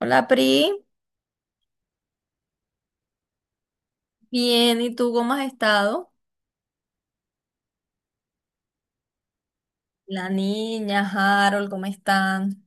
Hola Pri, bien, ¿y tú cómo has estado? La niña, Harold, ¿cómo están?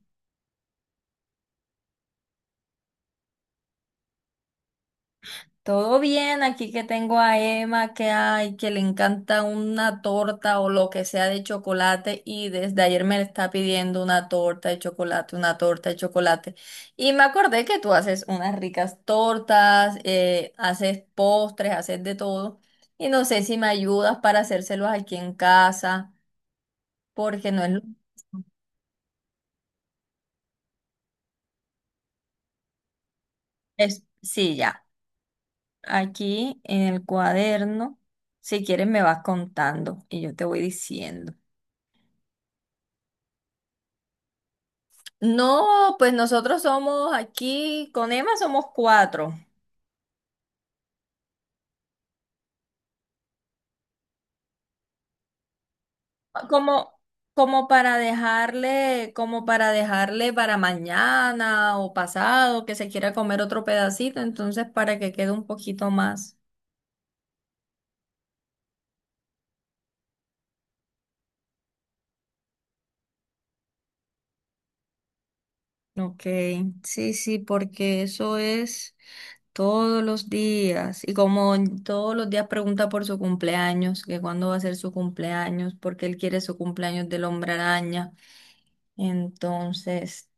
Todo bien, aquí que tengo a Emma, que hay, que le encanta una torta o lo que sea de chocolate y desde ayer me está pidiendo una torta de chocolate, una torta de chocolate. Y me acordé que tú haces unas ricas tortas, haces postres, haces de todo y no sé si me ayudas para hacérselos aquí en casa, porque no es... lo- es sí, ya. Aquí en el cuaderno. Si quieres, me vas contando y yo te voy diciendo. No, pues nosotros somos aquí, con Emma somos cuatro. Como, como para dejarle para mañana o pasado, que se quiera comer otro pedacito, entonces para que quede un poquito más. Ok, sí, sí, porque eso es. Todos los días. Y como todos los días pregunta por su cumpleaños, que cuándo va a ser su cumpleaños, porque él quiere su cumpleaños del hombre araña. Entonces,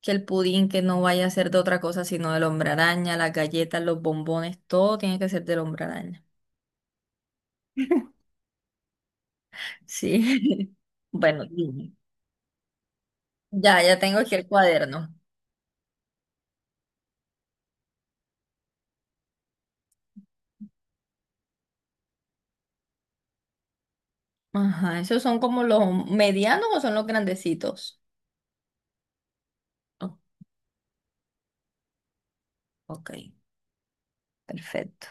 que el pudín que no vaya a ser de otra cosa sino del hombre araña, las galletas, los bombones, todo tiene que ser del hombre araña. Sí. Bueno, dime. Ya, ya tengo aquí el cuaderno. Ajá, ¿esos son como los medianos o son los grandecitos? Oh, ok, perfecto.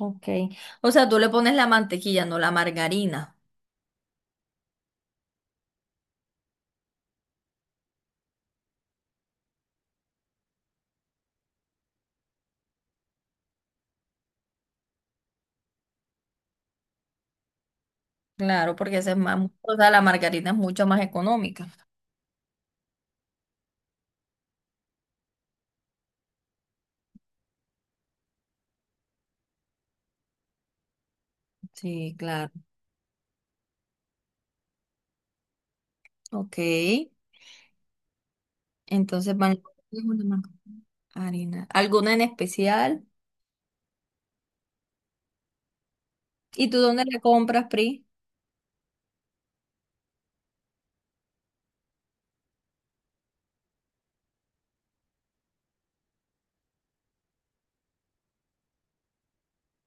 Ok. O sea, tú le pones la mantequilla, no la margarina. Claro, porque esa es más, o sea, la margarina es mucho más económica. Sí, claro. Ok. Entonces van es una margarina. ¿Alguna en especial? ¿Y tú dónde la compras, Pri?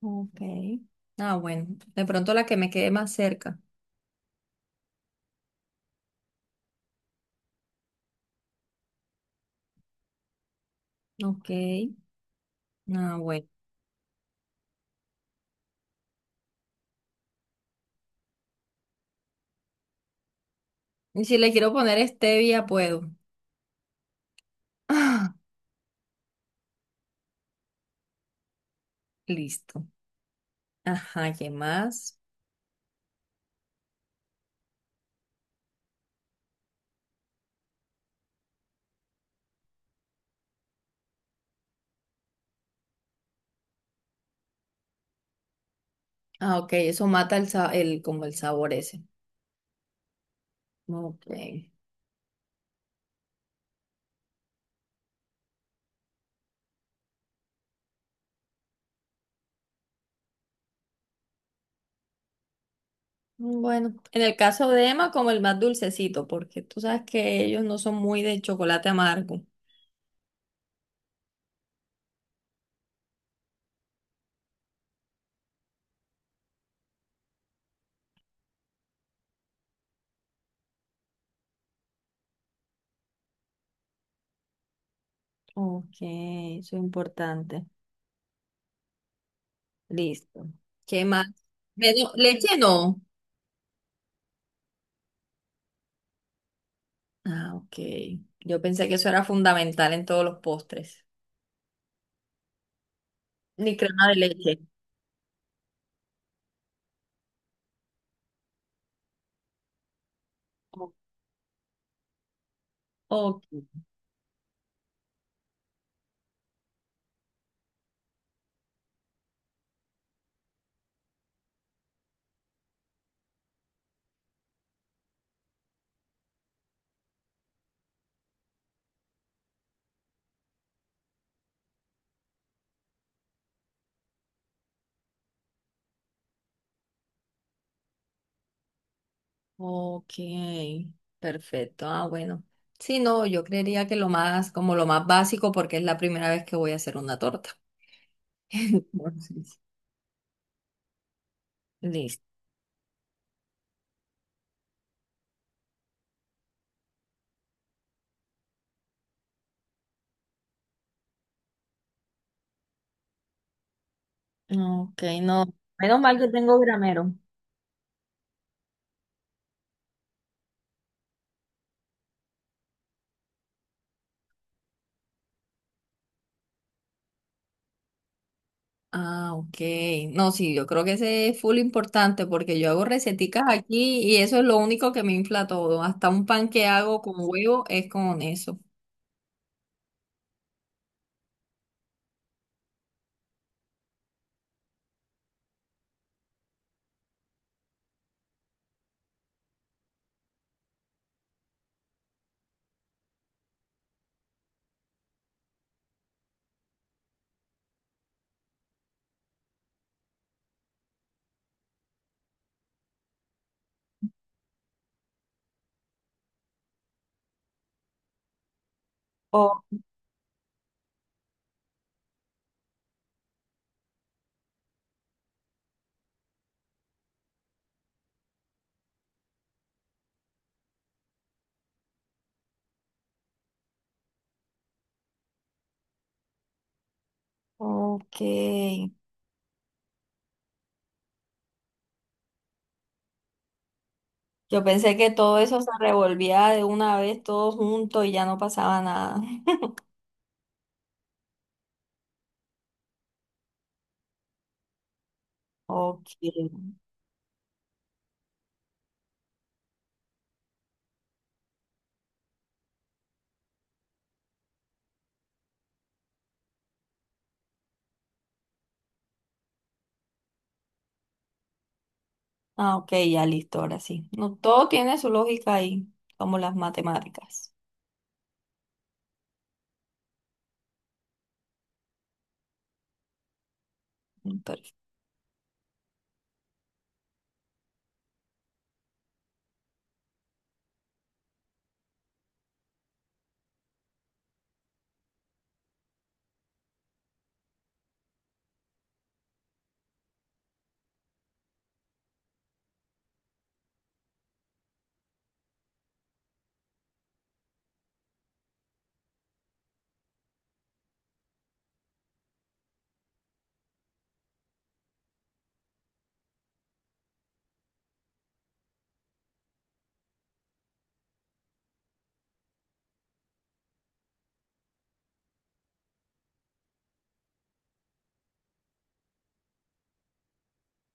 Ok. Ah, bueno. De pronto la que me quede más cerca. Ok. Ah, bueno. Y si le quiero poner stevia, puedo. Ah, listo. Ajá, ¿qué más? Ah, ok, eso mata el, sa- el, como el sabor ese. Ok. Bueno, en el caso de Emma, como el más dulcecito, porque tú sabes que ellos no son muy de chocolate amargo. Ok, eso es importante. Listo. ¿Qué más? Menos- leche no. Ah, ok. Yo pensé que eso era fundamental en todos los postres. Ni crema de leche. Ok, ok. Perfecto. Ah, bueno. Sí, no, yo creería que lo más, como lo más básico, porque es la primera vez que voy a hacer una torta. Entonces, listo. Ok, no. Menos mal que tengo gramero. Ah, ok. No, sí, yo creo que ese es full importante porque yo hago receticas aquí y eso es lo único que me infla todo. Hasta un pan que hago con huevo es con eso. Oh, ok. Yo pensé que todo eso se revolvía de una vez todo junto y ya no pasaba nada. Ok. Ah, ok, ya listo, ahora sí. No, todo tiene su lógica ahí, como las matemáticas. Perfecto.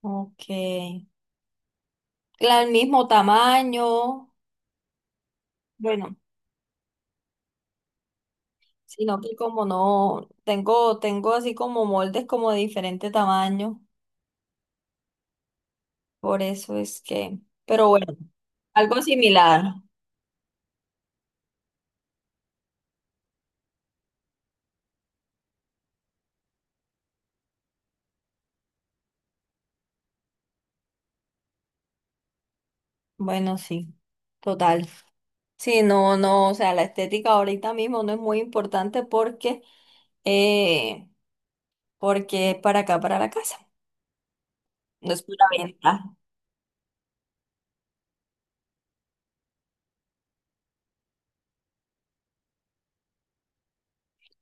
Ok. La- el mismo tamaño, bueno, sino que como no, tengo, tengo así como moldes como de diferente tamaño, por eso es que, pero bueno, algo similar, bueno, sí, total. Sí, no, no, o sea, la estética ahorita mismo no es muy importante porque, eh, porque es para acá, para la casa, no es para venta.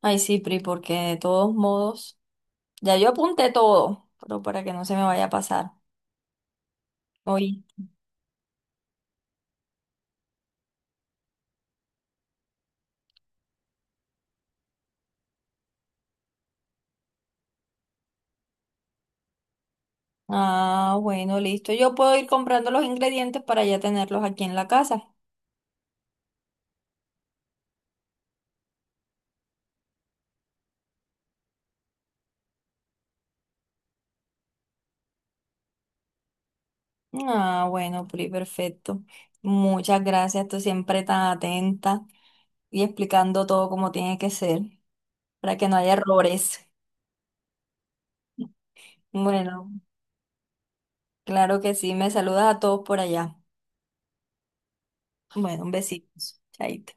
Ay, sí, Pri, porque de todos modos, ya yo apunté todo, pero para que no se me vaya a pasar. Oye. Ah, bueno, listo. Yo puedo ir comprando los ingredientes para ya tenerlos aquí en la casa. Ah, bueno, Pri, perfecto. Muchas gracias, tú siempre tan atenta y explicando todo como tiene que ser, para que no haya errores. Bueno, claro que sí, me saludas a todos por allá. Bueno, un besito. Chaito.